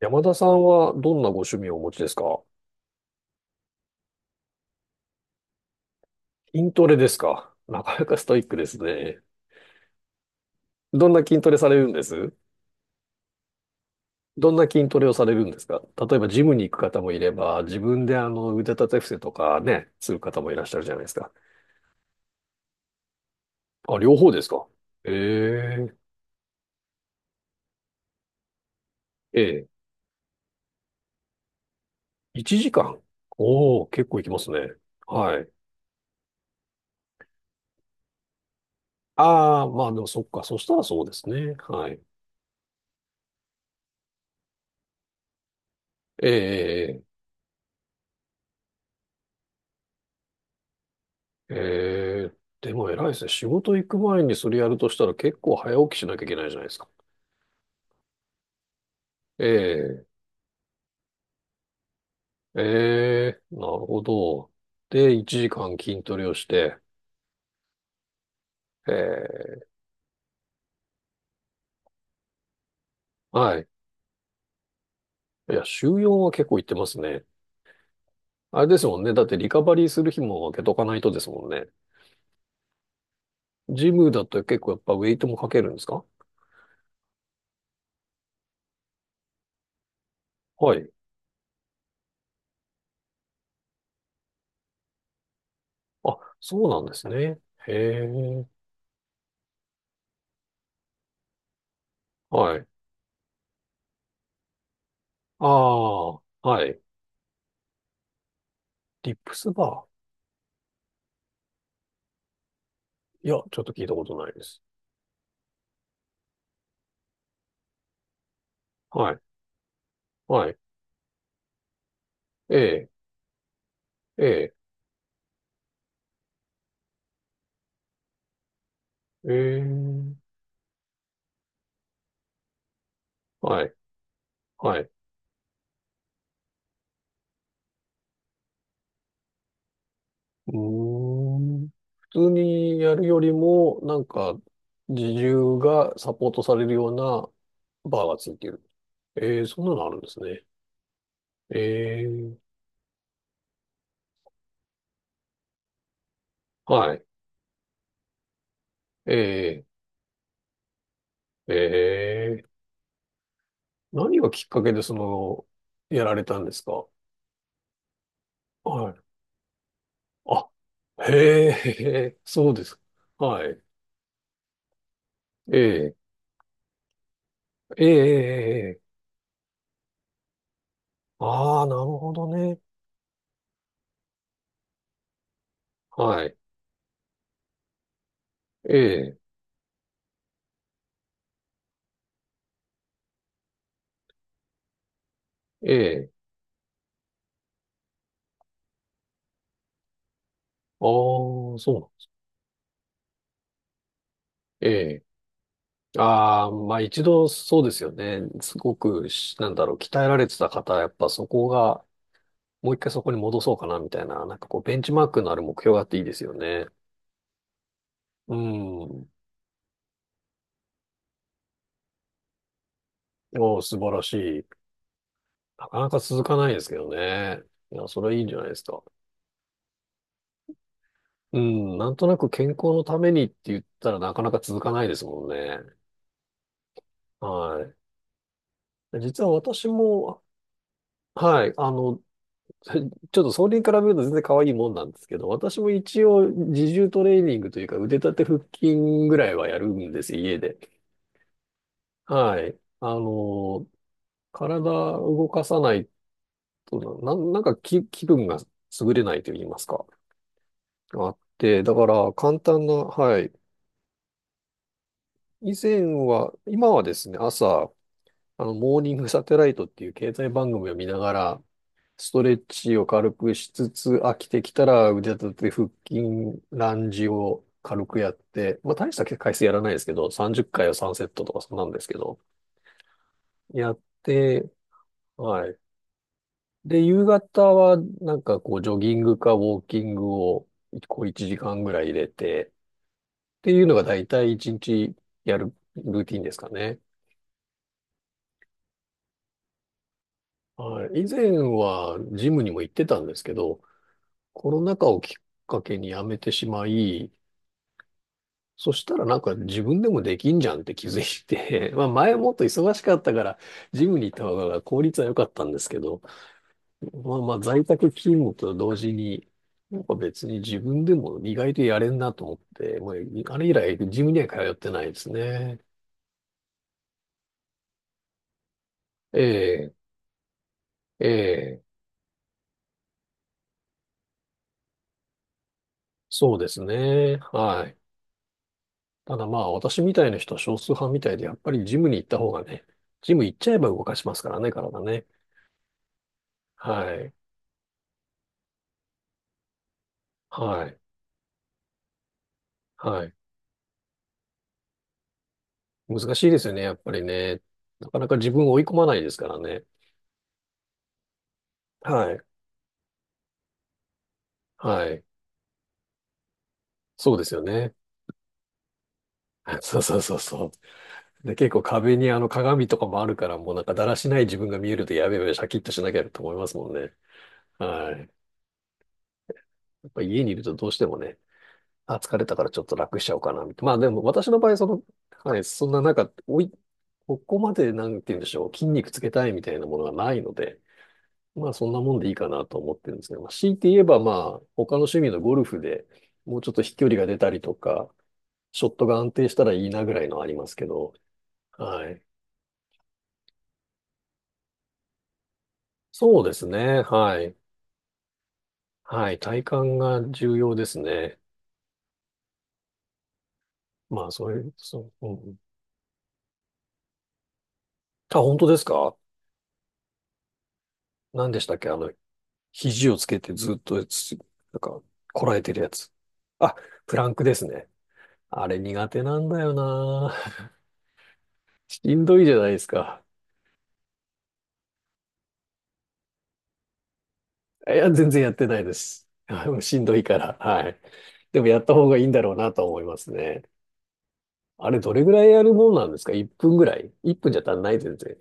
山田さんはどんなご趣味をお持ちですか？筋トレですか。なかなかストイックですね。どんな筋トレされるんです、どんな筋トレをされるんですか？例えばジムに行く方もいれば、自分で腕立て伏せとかね、する方もいらっしゃるじゃないですか。あ、両方ですか？ええ、え1時間。おお、結構行きますね。はい。ああ、まあでもそっか。そしたらそうですね。はい。ええ、ええええでも偉いですね。仕事行く前にそれやるとしたら結構早起きしなきゃいけないじゃないですか。ええええなるほど。で、1時間筋トレをして、ええ、はい。いや、週4は結構行ってますね。あれですもんね。だってリカバリーする日も開けとかないとですもんね。ジムだと結構やっぱウェイトもかけるんですか？はい。あ、そうなんですね。へえ。はい。ああ、はい。リップスバー。いや、ちょっと聞いたことないです。はい。はい。ええ、ええ、ええ、はい、はい。うーん。普通にやるよりも、なんか、自重がサポートされるようなバーがついてる。ええ、そんなのあるんですね。ええ、はい、ええ、ええ、何がきっかけでその、やられたんですか？はい。あ、へえ、そうです。はい。ええ、ええ、ええ、ああー、なるほどね。はい。ええ、ええ。ああ、そうなん、ええ。ああ、まあ一度そうですよね。すごくし、なんだろう、鍛えられてた方は、やっぱそこが、もう一回そこに戻そうかな、みたいな、なんかこう、ベンチマークのある目標があっていいですよね。うん。おー、素晴らしい。なかなか続かないですけどね。いや、それはいいんじゃないですか。うん、なんとなく健康のためにって言ったらなかなか続かないですもんね。はい。実は私も、はい、ちょっとそれに比べると全然可愛いもんなんですけど、私も一応自重トレーニングというか腕立て腹筋ぐらいはやるんです、家で。はい。体動かさないとなんか気分が優れないと言いますか。あって、だから簡単な、はい。以前は、今はですね、朝、モーニングサテライトっていう経済番組を見ながら、ストレッチを軽くしつつ、飽きてきたら腕立て、腹筋、ランジを軽くやって、まあ大した回数やらないですけど、30回を3セットとかそんなんですけど、やって、はい。で、夕方はなんかこうジョギングかウォーキングをこう1時間ぐらい入れて、っていうのが大体1日やるルーティンですかね。はい。以前はジムにも行ってたんですけど、コロナ禍をきっかけにやめてしまい、そしたらなんか自分でもできんじゃんって気づいて、まあ前もっと忙しかったから、ジムに行った方が効率は良かったんですけど、まあまあ在宅勤務と同時に、なんか別に自分でも意外とやれんなと思って、もうあれ以来ジムには通ってないですね。ええ、ええ、そうですね。はい。ただまあ私みたいな人は少数派みたいで、やっぱりジムに行った方がね、ジム行っちゃえば動かしますからね、体ね。はい。はい。はい。難しいですよね、やっぱりね。なかなか自分を追い込まないですからね。はい。はい。そうですよね。そうそうそうそう。で、結構壁に鏡とかもあるから、もうなんかだらしない自分が見えるとやべやべシャキッとしなきゃと思いますもんね。はい。やっぱ家にいるとどうしてもね、あ、疲れたからちょっと楽しちゃおうかな、みたいな。まあでも私の場合、その、はい、そんななんか、おい、ここまでなんて言うんでしょう、筋肉つけたいみたいなものがないので、まあそんなもんでいいかなと思ってるんですね。まあ、強いて言えば、まあ他の趣味のゴルフでもうちょっと飛距離が出たりとか、ショットが安定したらいいなぐらいのありますけど。はい。そうですね。はい。はい。体幹が重要ですね。まあそういう、そう、うん。あ、本当ですか？何でしたっけ、肘をつけてずっとつ、なんか、こらえてるやつ。あ、プランクですね。あれ苦手なんだよな。しんどいじゃないですか。いや、全然やってないです。しんどいから。はい。でもやった方がいいんだろうなとは思いますね。あれ、どれぐらいやるもんなんですか？ 1 分ぐらい？ 1 分じゃ足んない、全然。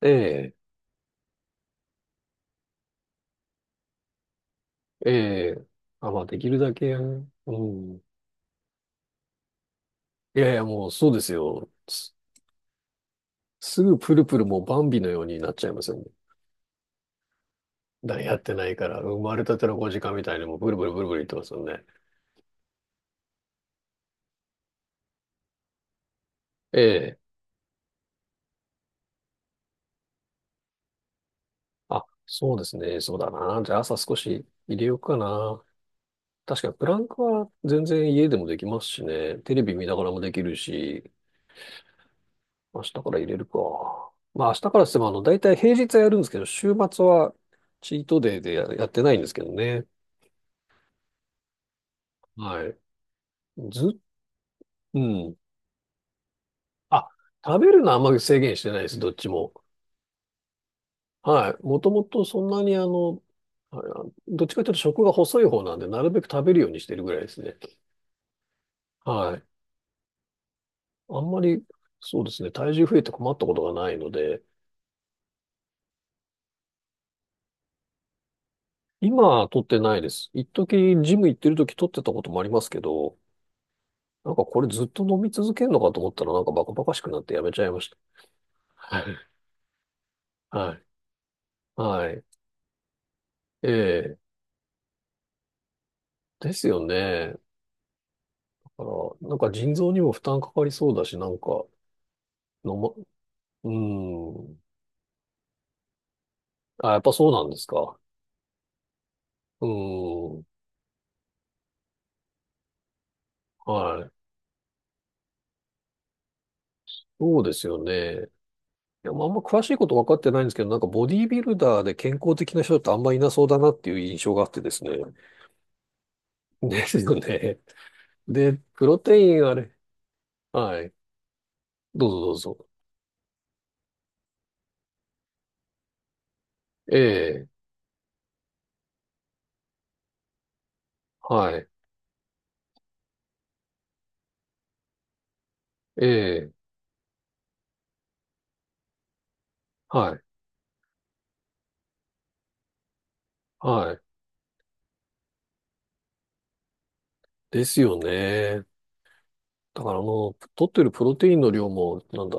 えええ。あ、まあ、できるだけやる。うん。いやいや、もうそうですよ。す、すぐプルプルもうバンビのようになっちゃいますよね。だからやってないから、生まれたての5時間みたいにもうブルブルブルブル言ってますよね。ええ。あ、そうですね。そうだな。じゃあ朝少し入れようかな。確かにプランクは全然家でもできますしね。テレビ見ながらもできるし、明日から入れるか。まあ明日からしても大体平日はやるんですけど、週末はチートデイでやってないんですけどね。はい。ず、うん。あ、食べるのはあんまり制限してないです、どっちも。はい。もともとそんなにあどっちかというと食が細い方なんで、なるべく食べるようにしてるぐらいですね。はい。あんまり、そうですね、体重増えて困ったことがないので、今、取ってないです。一時、ジム行ってる時取ってたこともありますけど、なんかこれずっと飲み続けるのかと思ったら、なんかバカバカしくなってやめちゃいました。はい。はい。はい。ええ。ですよね。だから、なんか腎臓にも負担かかりそうだし、なんか、飲ま、うーん。あ、やっぱそうなんですか。うーん。はい。そうですよね。いや、まあ、あんま詳しいこと分かってないんですけど、なんかボディービルダーで健康的な人ってあんまいなそうだなっていう印象があってですね。ですよね。で、プロテインあれ。はい。どうぞどうぞ。ええ、はい。ええ、はい。はい。ですよね。だからもう、取ってるプロテインの量も、なんだ、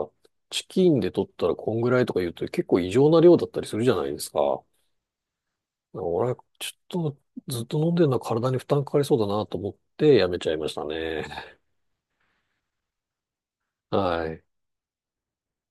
チキンで取ったらこんぐらいとか言うと結構異常な量だったりするじゃないですか。俺はちょっとずっと飲んでるのは体に負担かかりそうだなと思ってやめちゃいましたね。はい。